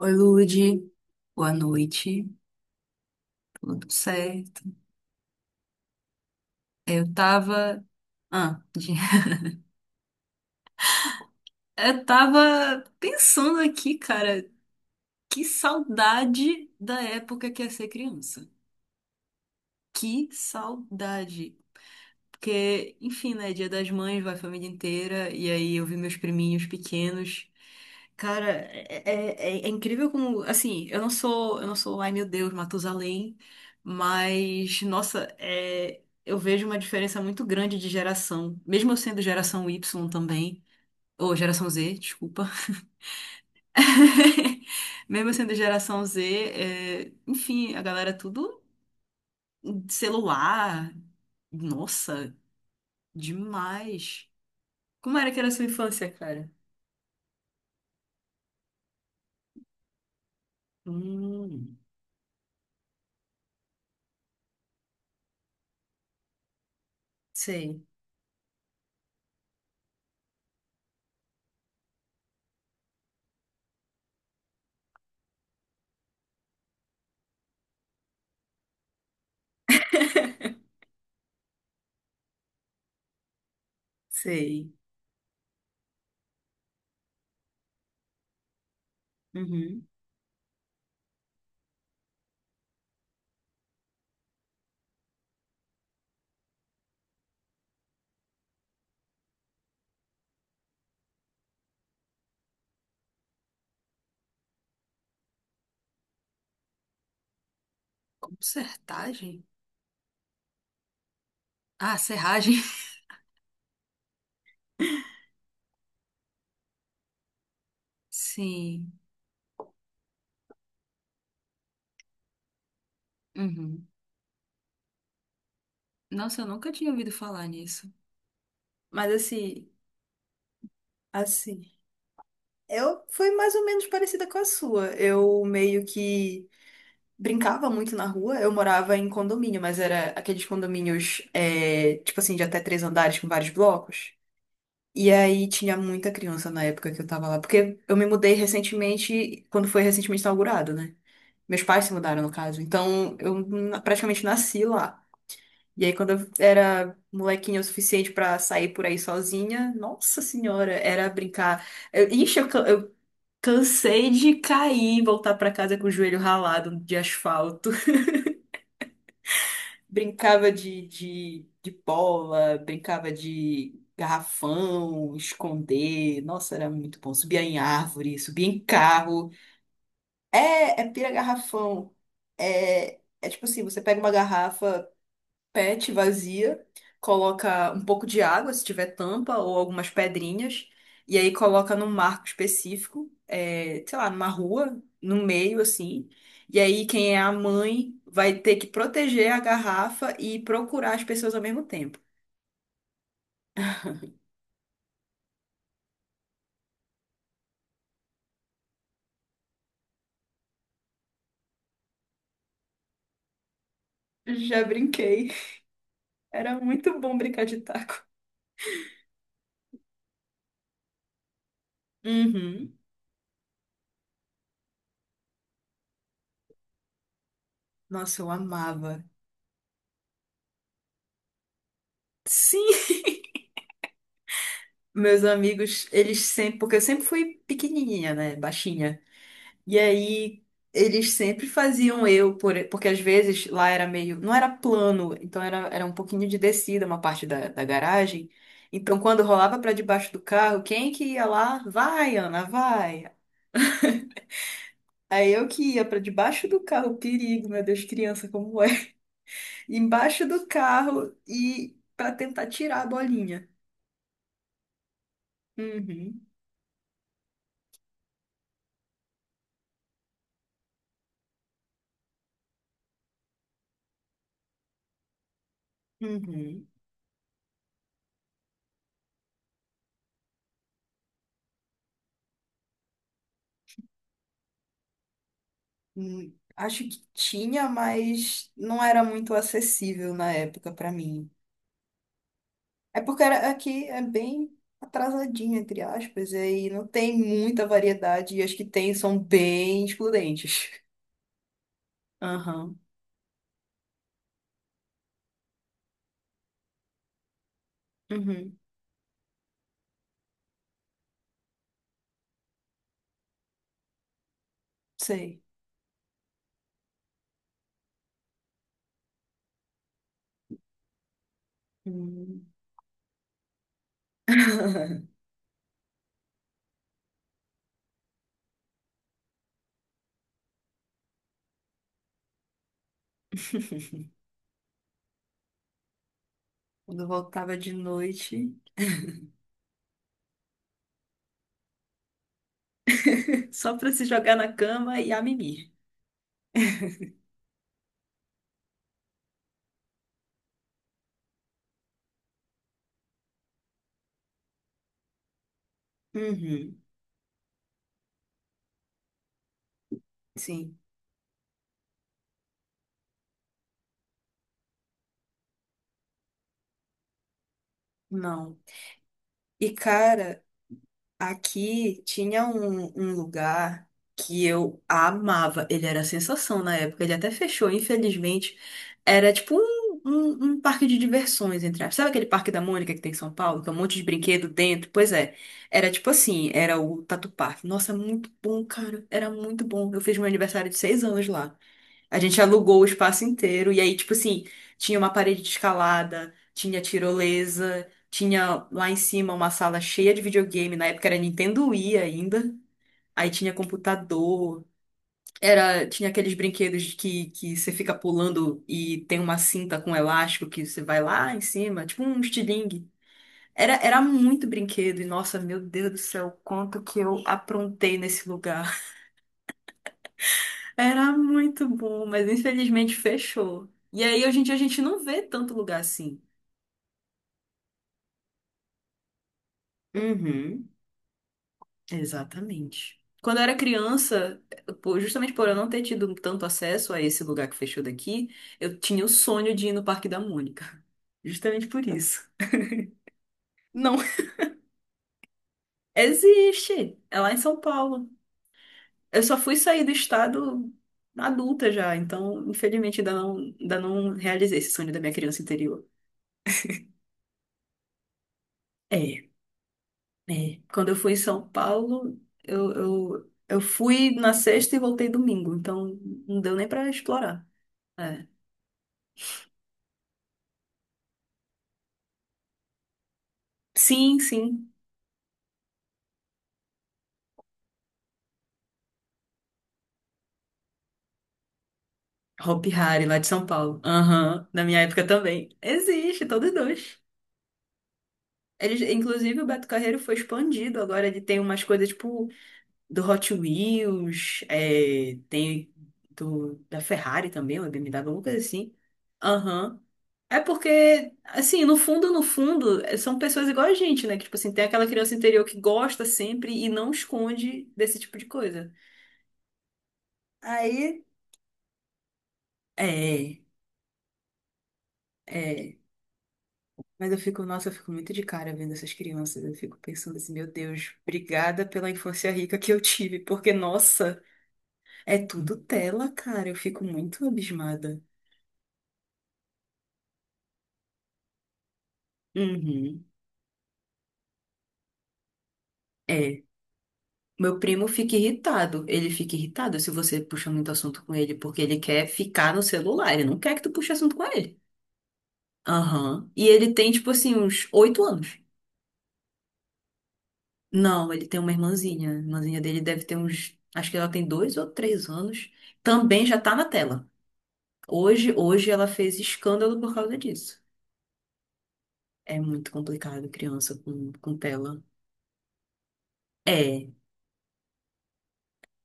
Oi, Lude. Boa noite. Tudo certo? Eu tava. Ah, de- eu tava pensando aqui, cara, que saudade da época que é ser criança. Que saudade. Porque, enfim, né? Dia das Mães, vai a família inteira. E aí eu vi meus priminhos pequenos. Cara, é incrível como, assim, eu não sou, ai meu Deus, Matusalém, mas, nossa, eu vejo uma diferença muito grande de geração, mesmo eu sendo geração Y também, ou geração Z, desculpa. Mesmo eu sendo geração Z, enfim, a galera tudo celular, nossa, demais. Como era que era a sua infância, cara? Hum, sei, sei. Uhum. Consertagem? Ah, serragem. Sim. Uhum. Nossa, eu nunca tinha ouvido falar nisso. Mas assim. Eu fui mais ou menos parecida com a sua. Eu meio que brincava muito na rua. Eu morava em condomínio, mas era aqueles condomínios, tipo assim, de até três andares com vários blocos. E aí tinha muita criança na época que eu tava lá, porque eu me mudei recentemente, quando foi recentemente inaugurado, né? Meus pais se mudaram, no caso. Então, eu praticamente nasci lá. E aí, quando eu era molequinha o suficiente pra sair por aí sozinha, nossa senhora, era brincar. Eu, ixi, eu, ca- eu cansei de cair e voltar pra casa com o joelho ralado de asfalto. Brincava de bola, brincava de garrafão, esconder. Nossa, era muito bom. Subia em árvore, subia em carro. É, é pira garrafão. É, é tipo assim, você pega uma garrafa pet vazia, coloca um pouco de água, se tiver tampa, ou algumas pedrinhas, e aí coloca num marco específico, sei lá, numa rua, no meio assim. E aí quem é a mãe vai ter que proteger a garrafa e procurar as pessoas ao mesmo tempo. Já brinquei. Era muito bom brincar de taco. Uhum. Nossa, eu amava. Sim, meus amigos, eles sempre, porque eu sempre fui pequenininha, né, baixinha. E aí eles sempre faziam eu, porque às vezes lá era meio, não era plano, então era um pouquinho de descida uma parte da garagem. Então quando rolava pra debaixo do carro, quem que ia lá? Vai, Ana, vai. Aí eu que ia pra debaixo do carro, perigo, meu Deus, criança como é. Embaixo do carro e pra tentar tirar a bolinha. Uhum, uhum. Acho que tinha, mas não era muito acessível na época pra mim. É porque aqui é bem atrasadinha, entre aspas, e aí não tem muita variedade, e as que tem são bem excludentes. Aham. Uhum. Sei. Hum. Quando eu voltava de noite, só pra se jogar na cama e a mimir. Uhum. Sim. Não. E, cara. Aqui tinha um lugar que eu amava. Ele era a sensação na época. Ele até fechou, infelizmente. Era tipo um parque de diversões, entre aspas. Sabe aquele Parque da Mônica que tem em São Paulo? Que é um monte de brinquedo dentro? Pois é. Era tipo assim, era o Tatu Parque. Nossa, muito bom, cara. Era muito bom. Eu fiz meu aniversário de 6 anos lá. A gente alugou o espaço inteiro. E aí, tipo assim, tinha uma parede de escalada, tinha tirolesa, tinha lá em cima uma sala cheia de videogame. Na época era Nintendo Wii ainda. Aí tinha computador, tinha aqueles brinquedos de que você fica pulando e tem uma cinta com elástico que você vai lá em cima, tipo um estilingue. Era muito brinquedo, e nossa, meu Deus do céu, quanto que eu aprontei nesse lugar. Era muito bom, mas infelizmente fechou. E aí, hoje em dia, a gente não vê tanto lugar assim. Uhum. Exatamente. Quando eu era criança, justamente por eu não ter tido tanto acesso a esse lugar que fechou daqui, eu tinha o sonho de ir no Parque da Mônica. Justamente por isso. Não. Existe! É lá em São Paulo. Eu só fui sair do estado adulta já, então, infelizmente, ainda não realizei esse sonho da minha criança interior. É. É, quando eu fui em São Paulo, eu fui na sexta e voltei domingo, então não deu nem pra explorar. É. Sim, sim. Hopi Hari, lá de São Paulo. Aham, na minha época também. Existe, todos dois. Eles, inclusive, o Beto Carreiro foi expandido. Agora ele tem umas coisas tipo do Hot Wheels, tem da Ferrari também, ou da BMW, alguma coisa assim. Aham. É porque, assim, no fundo, no fundo, são pessoas igual a gente, né? Que, tipo assim, tem aquela criança interior que gosta sempre e não esconde desse tipo de coisa. Aí, é, é. Mas eu fico, nossa, eu fico muito de cara vendo essas crianças. Eu fico pensando assim, meu Deus, obrigada pela infância rica que eu tive, porque, nossa, é tudo tela, cara. Eu fico muito abismada. Uhum. É. Meu primo fica irritado. Ele fica irritado se você puxa muito assunto com ele, porque ele quer ficar no celular. Ele não quer que tu puxe assunto com ele. Aham. E ele tem, tipo assim, uns 8 anos. Não, ele tem uma irmãzinha. A irmãzinha dele deve ter uns. Acho que ela tem 2 ou 3 anos. Também já tá na tela. Hoje ela fez escândalo por causa disso. É muito complicado criança com tela. É.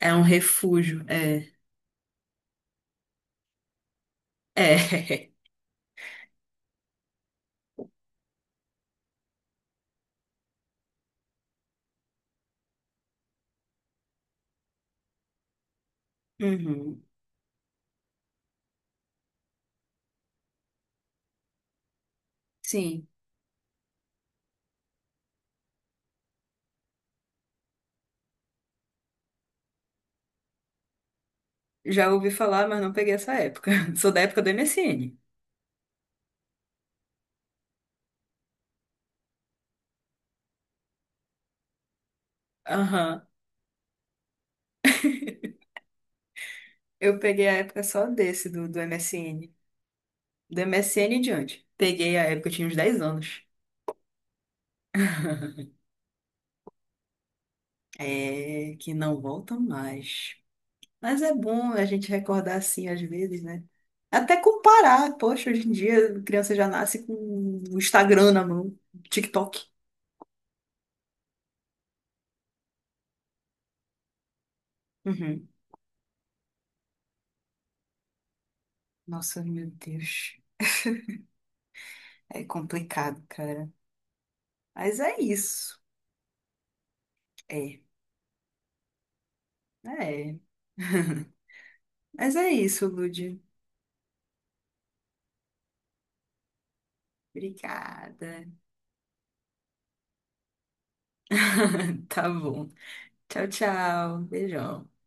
É um refúgio. É. É. Uhum. Sim. Já ouvi falar, mas não peguei essa época. Sou da época do MSN. Aham. Eu peguei a época só desse, do MSN. Do MSN em diante. Peguei a época, eu tinha uns 10 anos. É, que não voltam mais. Mas é bom a gente recordar assim às vezes, né? Até comparar. Poxa, hoje em dia a criança já nasce com o Instagram na mão, TikTok. Uhum. Nossa, meu Deus. É complicado, cara. Mas é isso. É. É. Mas é isso, Lud. Obrigada. Tá bom. Tchau, tchau. Beijão.